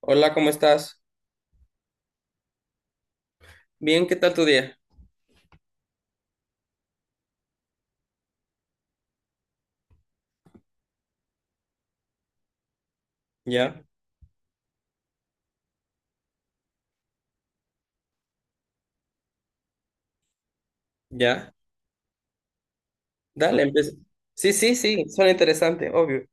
Hola, ¿cómo estás? Bien, ¿qué tal tu día? Ya, ya. Dale, empieza. Sí, sí, sí, suena interesante, obvio.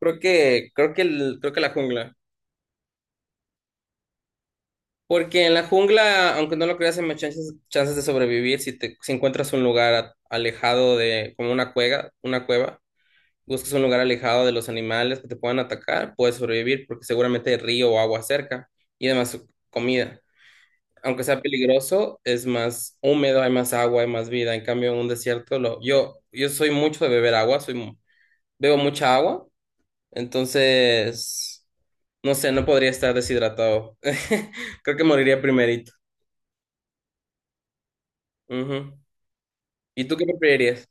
Creo que la jungla. Porque en la jungla, aunque no lo creas, hay más chances de sobrevivir si si encuentras un lugar alejado de, como una cueva, una cueva. Buscas un lugar alejado de los animales que te puedan atacar, puedes sobrevivir porque seguramente hay río o agua cerca y además comida. Aunque sea peligroso, es más húmedo, hay más agua, hay más vida. En cambio, en un desierto, yo soy mucho de beber agua, bebo mucha agua, entonces, no sé, no podría estar deshidratado. Creo que moriría primerito. Ujú. ¿Y tú qué preferirías?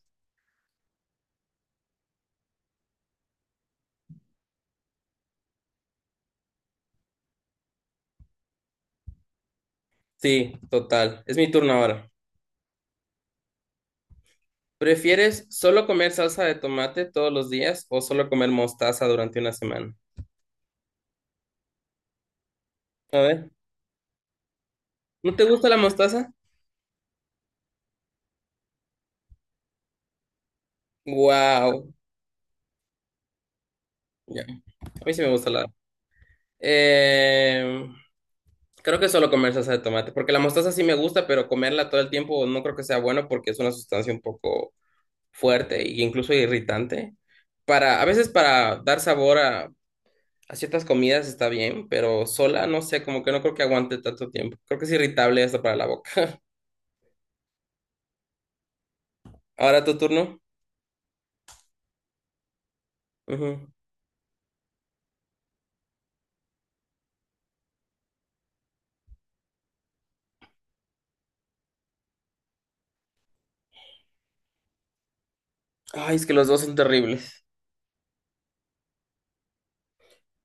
Sí, total. Es mi turno ahora. ¿Prefieres solo comer salsa de tomate todos los días o solo comer mostaza durante una semana? A ver, ¿no te gusta la mostaza? Wow. Ya. A mí sí me gusta la. Eh, Creo que solo comer salsa de tomate, porque la mostaza sí me gusta, pero comerla todo el tiempo no creo que sea bueno porque es una sustancia un poco fuerte e incluso irritante. A veces para dar sabor a, ciertas comidas está bien, pero sola no sé, como que no creo que aguante tanto tiempo. Creo que es irritable hasta para la boca. Ahora tu turno. Ujú. Ay, es que los dos son terribles.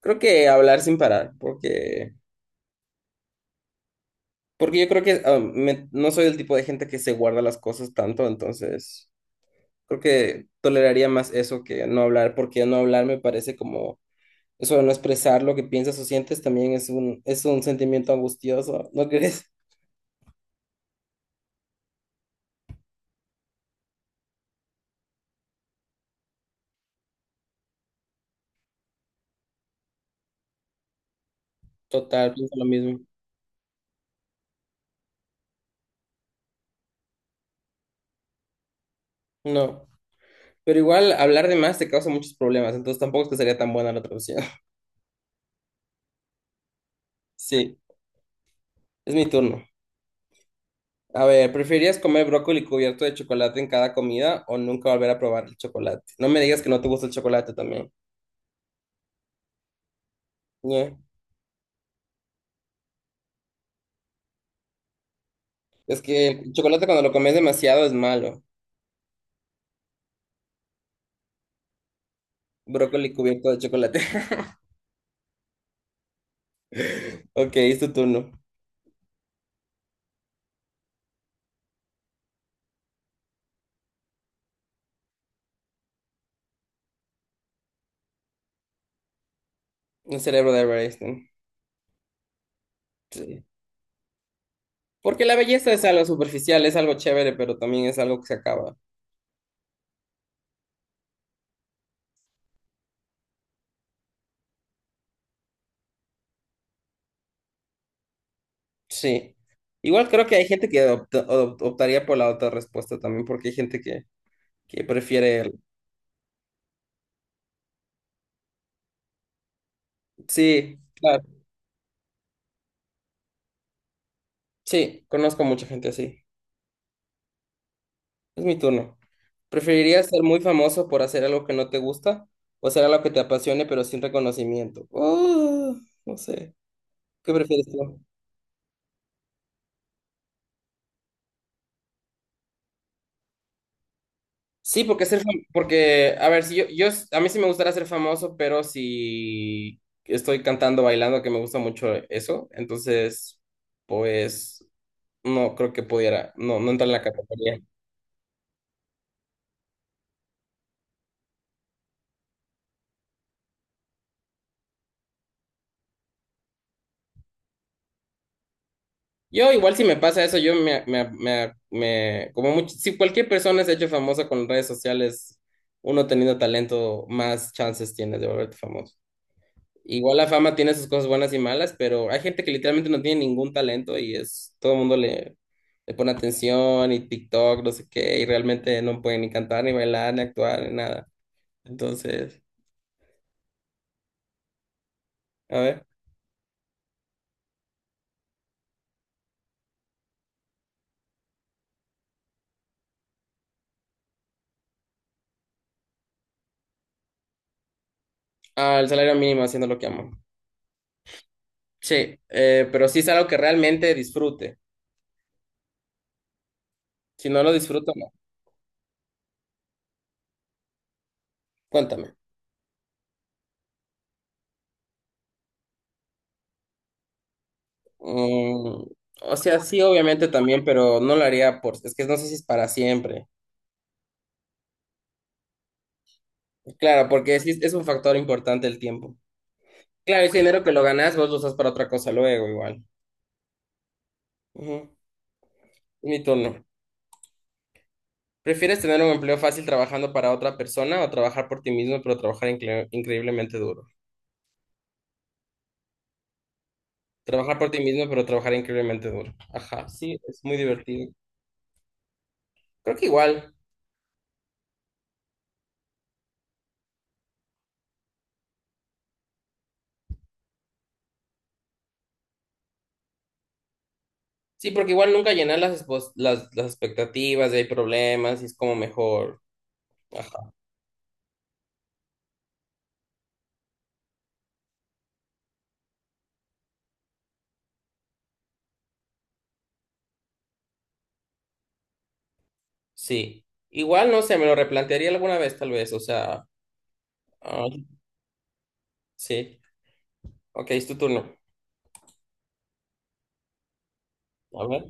Creo que hablar sin parar, porque yo creo que no soy el tipo de gente que se guarda las cosas tanto, entonces. Creo que toleraría más eso que no hablar, porque no hablar me parece como eso de no expresar lo que piensas o sientes también es un sentimiento angustioso, ¿no crees? Total, pienso lo mismo. No, pero igual hablar de más te causa muchos problemas, entonces tampoco es que sería tan buena la otra opción. Sí, es mi turno. A ver, ¿preferirías comer brócoli cubierto de chocolate en cada comida o nunca volver a probar el chocolate? No me digas que no te gusta el chocolate también. Ñe. Es que el chocolate cuando lo comes demasiado es malo. Brócoli cubierto de chocolate. Ok, es tu turno. El cerebro de Albert Einstein. Sí. Porque la belleza es algo superficial, es algo chévere, pero también es algo que se acaba. Sí. Igual creo que hay gente que optaría por la otra respuesta también, porque hay gente que prefiere el. Sí, claro. Sí, conozco mucha gente así. Es mi turno. ¿Preferirías ser muy famoso por hacer algo que no te gusta o hacer algo que te apasione pero sin reconocimiento? No sé. ¿Qué prefieres tú? Sí, porque porque, a ver, si yo, yo, s- a mí sí me gustaría ser famoso, pero si estoy cantando, bailando, que me gusta mucho eso, entonces, pues, no creo que pudiera, no, no entra en la categoría. Yo igual si me pasa eso, yo me, me, me, me- como mucho, si cualquier persona se ha hecho famosa con redes sociales, uno teniendo talento, más chances tienes de volverte famoso. Igual la fama tiene sus cosas buenas y malas, pero hay gente que literalmente no tiene ningún talento todo el mundo le pone atención y TikTok, no sé qué, y realmente no pueden ni cantar, ni bailar, ni actuar, ni nada. Entonces, a ver. Ah, el salario mínimo haciendo lo que amo. Sí, pero sí es algo que realmente disfrute. Si no lo disfruto, no. Cuéntame. Mm, o sea, sí, obviamente también, pero no lo haría por, es que no sé si es para siempre. Claro, porque sí es un factor importante el tiempo. Claro, ese dinero que lo ganas, vos lo usas para otra cosa luego, igual. Ujú. Mi turno. ¿Prefieres tener un empleo fácil trabajando para otra persona o trabajar por ti mismo, pero trabajar increíblemente duro? Trabajar por ti mismo, pero trabajar increíblemente duro. Ajá, sí, es muy divertido. Creo que igual. Sí, porque igual nunca llenas las expectativas, y hay problemas, y es como mejor. Ajá, sí. Igual, no sé, me lo replantearía alguna vez, tal vez. O sea, ah, sí. Ok, es tu turno. A ver.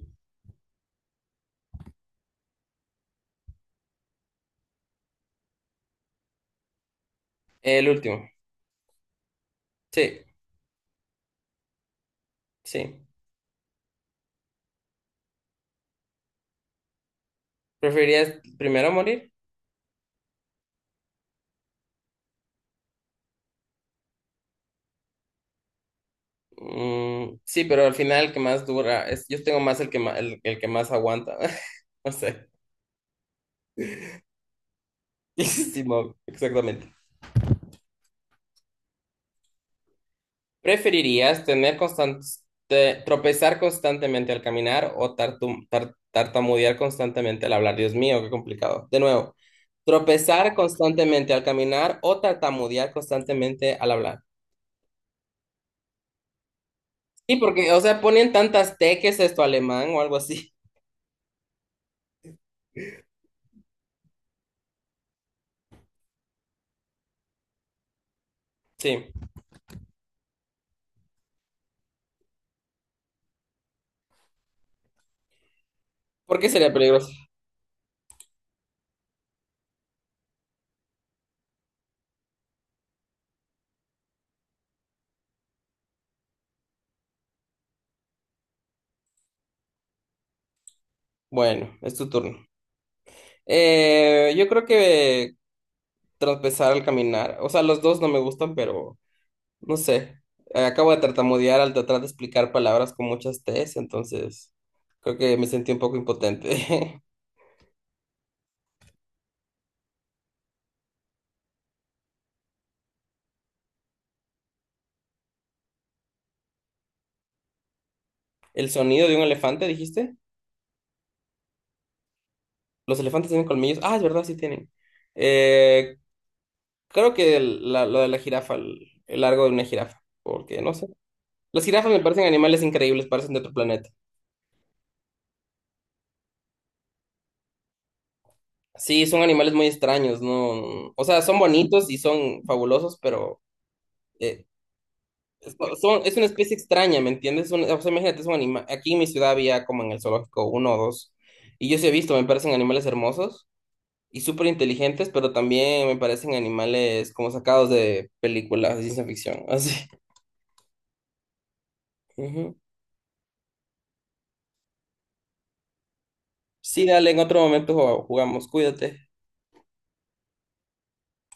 El último. Sí, sí. ¿Preferirías primero morir? Mm, sí, pero al final el que más dura es, yo tengo más el que más, el que más aguanta. No sé. Sí, no, exactamente. ¿Preferirías tropezar constantemente al caminar o tartamudear constantemente al hablar? Dios mío, qué complicado. De nuevo, tropezar constantemente al caminar o tartamudear constantemente al hablar. Sí, porque, o sea, ponen tantas teques esto alemán o algo así. Sí, porque sería peligroso. Bueno, es tu turno. Yo creo que tropezar al caminar. O sea, los dos no me gustan, pero no sé. Acabo de tartamudear al tratar de explicar palabras con muchas T's, entonces creo que me sentí un poco impotente. El sonido de un elefante, dijiste. Los elefantes tienen colmillos. Ah, es verdad, sí tienen. Eh, Creo que lo de la jirafa, el largo de una jirafa, porque no sé. Las jirafas me parecen animales increíbles, parecen de otro planeta. Sí, son animales muy extraños, ¿no? O sea, son bonitos y son fabulosos, pero eh, es una especie extraña, ¿me entiendes? O sea, imagínate, Aquí en mi ciudad había como en el zoológico uno o dos, y yo sí he visto, me parecen animales hermosos y súper inteligentes, pero también me parecen animales como sacados de películas de ciencia ficción, así. Ujú. Sí, dale, en otro momento jugamos, cuídate.